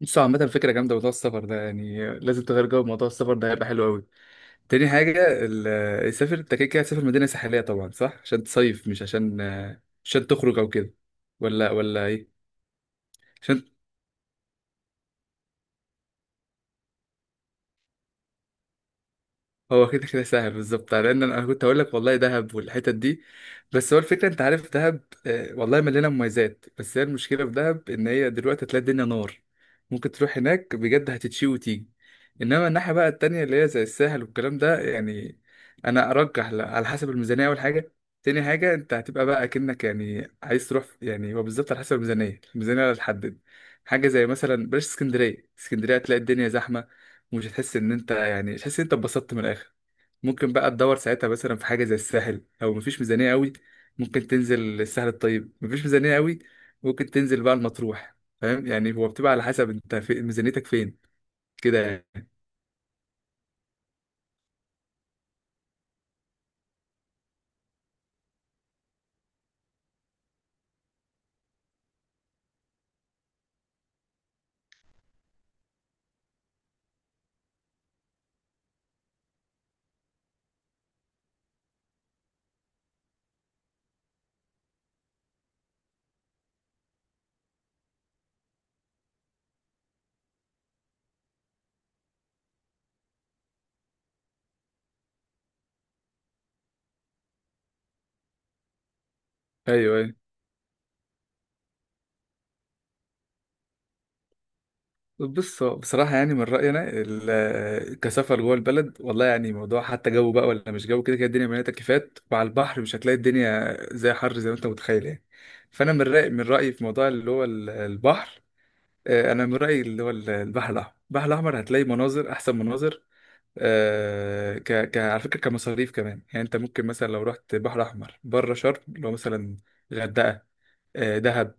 بص، عامة فكرة جامدة، موضوع السفر ده يعني لازم تغير جو. موضوع السفر ده هيبقى حلو قوي. تاني حاجة، سافر، انت كده كده هتسافر مدينة ساحلية طبعا، صح؟ عشان تصيف، مش عشان تخرج او كده. ولا ايه؟ عشان هو كده كده سهل بالظبط، لان انا كنت هقول لك والله دهب والحتت دي. بس هو الفكره، انت عارف دهب، والله مليانه مميزات، بس هي المشكله في دهب ان هي دلوقتي تلاقي الدنيا نار. ممكن تروح هناك بجد هتتشي وتيجي. انما الناحيه بقى التانية اللي هي زي الساحل والكلام ده، يعني انا ارجح على حسب الميزانيه اول حاجه. تاني حاجه، انت هتبقى بقى اكنك يعني عايز تروح يعني هو بالظبط على حسب الميزانيه اللي هتحدد حاجه زي مثلا بلاش اسكندريه. اسكندريه هتلاقي الدنيا زحمه، ومش هتحس ان انت يعني مش هتحس ان انت اتبسطت من الاخر. ممكن بقى تدور ساعتها مثلا في حاجه زي الساحل، لو مفيش ميزانيه قوي ممكن تنزل الساحل. الطيب، مفيش ميزانيه قوي ممكن تنزل بقى المطروح. فاهم؟ يعني هو بتبقى على حسب انت في ميزانيتك فين، كده يعني. ايوه، ايوه. بص، هو بصراحه يعني من رايي انا كسفر جوه البلد، والله يعني موضوع حتى جو بقى ولا مش جو، كده كده الدنيا مليانه تكييفات، وعلى البحر مش هتلاقي الدنيا زي حر زي ما انت متخيل يعني. فانا من رايي في موضوع اللي هو البحر. انا من رايي اللي هو البحر الاحمر هتلاقي مناظر، احسن مناظر. ك ك على فكره، كمصاريف كمان، يعني انت ممكن مثلا لو رحت بحر احمر بره شرم، اللي هو مثلا غردقه، دهب،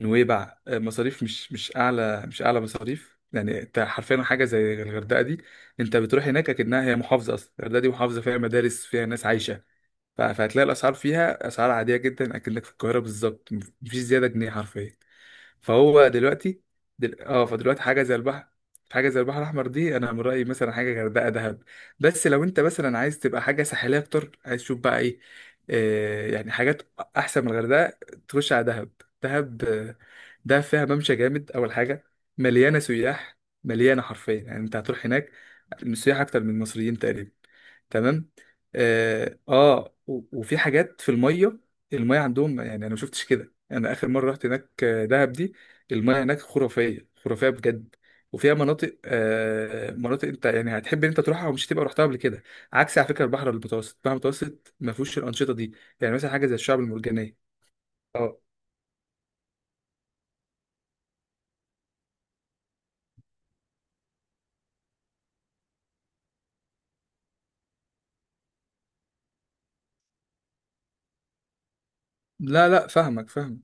نويبع، مصاريف مش اعلى مصاريف. يعني انت حرفيا حاجه زي الغردقه دي، انت بتروح هناك اكنها هي محافظه. اصلا الغردقه دي محافظه، فيها مدارس فيها ناس عايشه. فهتلاقي الاسعار فيها اسعار عاديه جدا اكنك في القاهره بالظبط، مفيش زياده جنيه حرفيا. فهو دلوقتي اه، فدلوقتي حاجه زي البحر، حاجه زي البحر الاحمر دي، انا من رايي مثلا حاجه غردقه، دهب. بس لو انت مثلا عايز تبقى حاجه ساحليه اكتر، عايز تشوف بقى ايه، يعني حاجات احسن من الغردقه، تخش على دهب. دهب، دهب فيها ممشى جامد اول حاجه. مليانه سياح، مليانه حرفيا. يعني انت هتروح هناك السياح اكتر من المصريين تقريبا. تمام. اه، آه. وفي حاجات في الميه. الميه عندهم، يعني انا ما شفتش كده، انا اخر مره رحت هناك دهب دي، الميه هناك خرافيه، خرافيه بجد. وفيها مناطق انت يعني هتحب ان انت تروحها ومش هتبقى رحتها قبل كده. عكس على فكره البحر المتوسط ما فيهوش الانشطه دي. يعني مثلا حاجه زي الشعب المرجانيه. اه، لا لا، فاهمك فاهمك.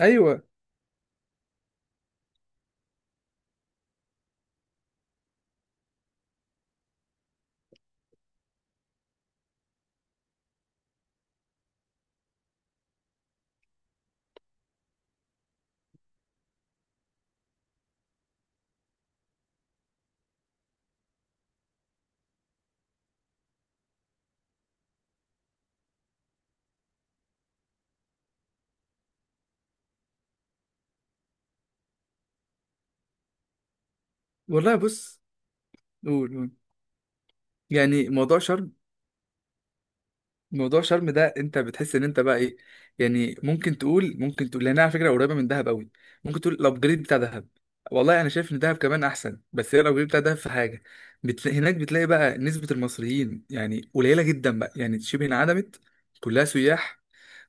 ايوه والله. بص، قول، قول. يعني موضوع شرم ده انت بتحس ان انت بقى ايه؟ يعني ممكن تقول لانها على فكره قريبه من دهب قوي. ممكن تقول الابجريد بتاع دهب. والله انا شايف ان دهب كمان احسن، بس هي الابجريد بتاع دهب في حاجه. هناك بتلاقي بقى نسبه المصريين يعني قليله جدا بقى، يعني شبه انعدمت. كلها سياح.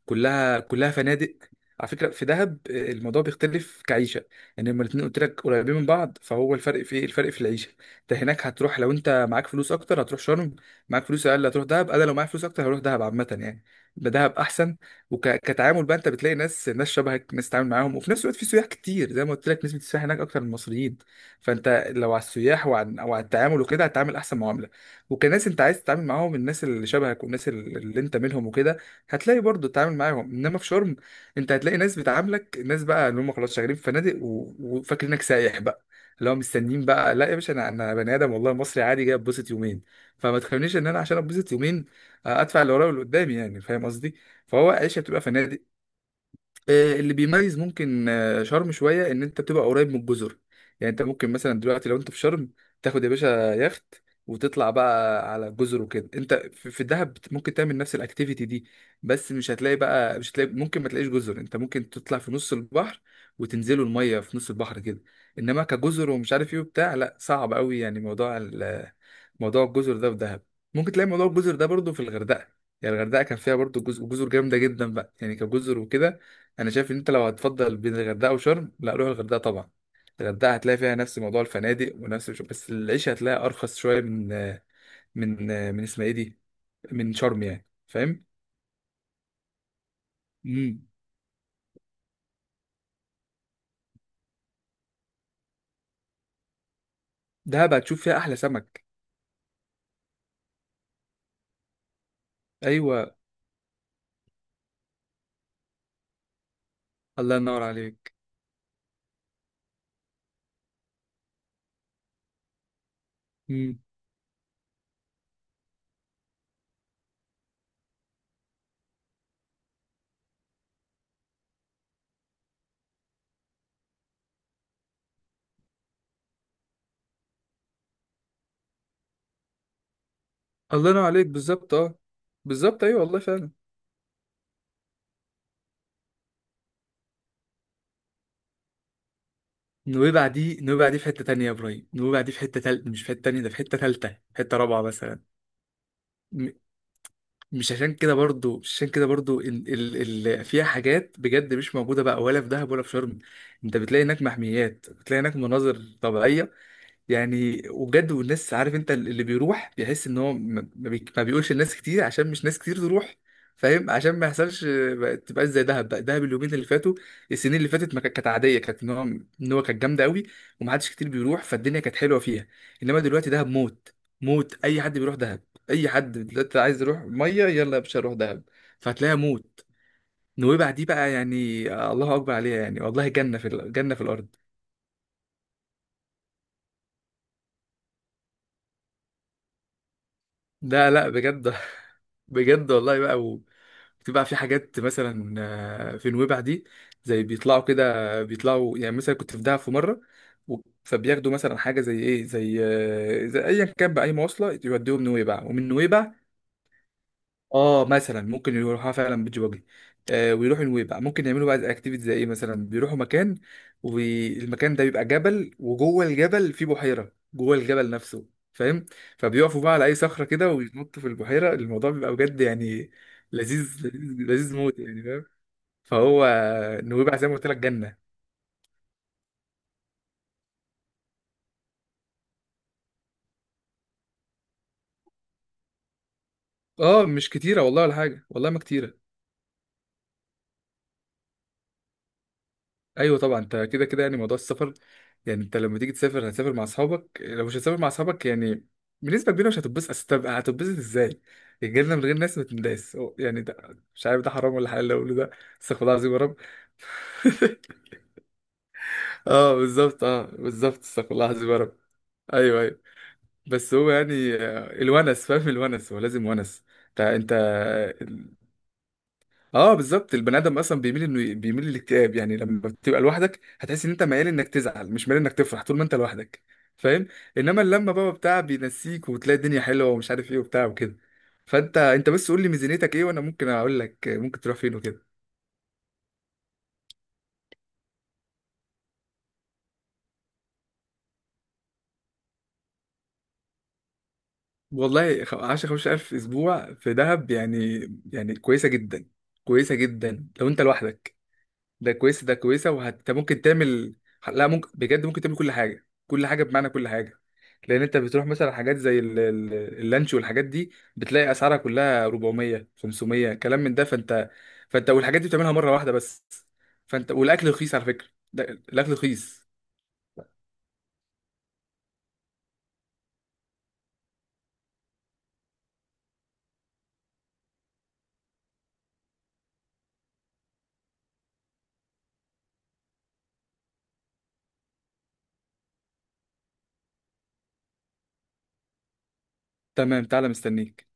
كلها فنادق. على فكره في دهب الموضوع بيختلف كعيشه. يعني لما الاثنين قلت لك قريبين من بعض، فهو الفرق في إيه؟ الفرق في العيشه. انت هناك هتروح، لو انت معاك فلوس اكتر هتروح شرم، معاك فلوس اقل هتروح دهب. انا لو معايا فلوس اكتر هروح دهب، عامه يعني. يبقى دهب احسن. وكتعامل بقى، انت بتلاقي ناس شبهك، ناس تتعامل معاهم، وفي نفس الوقت في سياح كتير. زي ما قلت لك، نسبه السياح هناك اكتر من المصريين. فانت لو على السياح وعن او على التعامل وكده، هتتعامل احسن معامله، وكناس انت عايز تتعامل معاهم، الناس اللي شبهك والناس اللي انت منهم وكده، هتلاقي برضه تتعامل معاهم. انما في شرم انت هتلاقي ناس بتعاملك، الناس بقى اللي هم خلاص شغالين في فنادق وفاكرينك سايح بقى. اللي هو مستنيين بقى، لا يا باشا، انا بني ادم والله، مصري عادي جاي اتبسط يومين. فما تخلينيش ان انا عشان اتبسط يومين ادفع اللي ورايا واللي قدامي، يعني فاهم قصدي. فهو عيشه بتبقى فنادق. اللي بيميز ممكن شرم شويه ان انت بتبقى قريب من الجزر. يعني انت ممكن مثلا دلوقتي لو انت في شرم تاخد يا باشا يخت وتطلع بقى على الجزر وكده. انت في الدهب ممكن تعمل نفس الاكتيفيتي دي، بس مش هتلاقي ممكن ما تلاقيش جزر. انت ممكن تطلع في نص البحر وتنزلوا الميه في نص البحر كده، انما كجزر ومش عارف ايه وبتاع، لا صعب قوي. يعني موضوع الجزر ده في دهب، ممكن تلاقي موضوع الجزر ده برضو في الغردقه. يعني الغردقه كان فيها برضو جزر، جزر جامده جدا بقى، يعني كجزر وكده. انا شايف ان انت لو هتفضل بين الغردقه وشرم، لا روح الغردقه طبعا. الغردقه هتلاقي فيها نفس موضوع الفنادق ونفس بس العيشه هتلاقي ارخص شويه من من من اسمها ايه دي، من شرم يعني، فاهم؟ امم. دهب هتشوف فيها احلى سمك. ايوه. الله ينور عليك. امم. الله ينور عليك بالظبط. اه بالظبط. ايوه والله فعلا. نويبع دي في حته تانية يا ابراهيم، نويبع دي في حته تالت مش في حته تانية، ده في حته تالته، في حته رابعه مثلا. مش عشان كده برضو، ال ال ال فيها حاجات بجد مش موجودة بقى ولا في دهب ولا في شرم. انت بتلاقي هناك محميات، بتلاقي هناك مناظر طبيعية، يعني وبجد. والناس، عارف انت، اللي بيروح بيحس ان هو ما بيقولش لناس كتير، عشان مش ناس كتير تروح، فاهم، عشان ما يحصلش ما تبقاش زي دهب بقى. دهب اليومين اللي فاتوا، السنين اللي فاتت، ما كانت عاديه، كانت ان هو كانت جامده قوي ومحدش كتير بيروح، فالدنيا كانت حلوه فيها. انما دلوقتي دهب موت، موت. اي حد بيروح دهب، اي حد دلوقتي عايز يروح ميه يلا يا باشا روح دهب، فهتلاقيها موت. نويبع دي بقى، يعني الله اكبر عليها، يعني والله جنه في جنه في الارض. لا لا بجد. بجد والله بقى بتبقى في حاجات مثلا في نويبع دي، زي بيطلعوا كده، بيطلعوا. يعني مثلا كنت في دهب في مره و- فبياخدوا مثلا حاجه زي ايه؟ زي زي ايا كان باي مواصله يوديهم نويبع، ومن نويبع، اه مثلا، ممكن يروحوها فعلا بيج واجي، ويروحوا نويبع. ممكن يعملوا بقى اكتيفيتي زي ايه؟ مثلا بيروحوا مكان، والمكان ده بيبقى جبل، وجوه الجبل في بحيره جوه الجبل نفسه، فاهم؟ فبيقفوا بقى على اي صخره كده ويتنطوا في البحيره. الموضوع بيبقى بجد يعني لذيذ، لذيذ، لذيذ موت، يعني فاهم. فهو نويبع زي ما قلت لك جنه. اه مش كتيره والله، ولا حاجه والله ما كتيره. ايوه طبعا، انت كده كده يعني موضوع السفر. يعني انت لما تيجي تسافر هتسافر مع اصحابك. لو مش هتسافر مع اصحابك، يعني بنسبه كبيره مش هتتبسط. أصل طب هتتبسط ازاي؟ الجنه من غير ناس ما تنداس. يعني ده مش عارف ده حرام ولا حلال اللي اقوله ده. استغفر الله العظيم يا رب. اه بالظبط، اه بالظبط، استغفر الله العظيم يا رب. ايوه ايوه. بس هو يعني الونس فاهم، الونس هو لازم ونس. انت انت اه بالظبط. البني ادم اصلا بيميل، انه بيميل للاكتئاب، يعني لما بتبقى لوحدك هتحس ان انت ميال انك تزعل، مش ميال انك تفرح طول ما انت لوحدك، فاهم. انما اللمه بقى بتاع بينسيك، وتلاقي الدنيا حلوه، ومش عارف ايه وبتاع وكده. فانت بس قول لي ميزانيتك ايه وانا ممكن اقول لك ممكن تروح فين وكده. والله 10 15,000 اسبوع في دهب، يعني كويسه جدا. كويسه جدا لو انت لوحدك. ده كويسه، ده كويسه، وانت ممكن تعمل، لا ممكن بجد ممكن تعمل كل حاجه، كل حاجه بمعنى كل حاجه. لان انت بتروح مثلا حاجات زي اللانش والحاجات دي بتلاقي اسعارها كلها 400 500 كلام من ده، فانت والحاجات دي بتعملها مره واحده بس، فانت والاكل رخيص، على فكره ده، الاكل رخيص. تمام، تعالى مستنيك.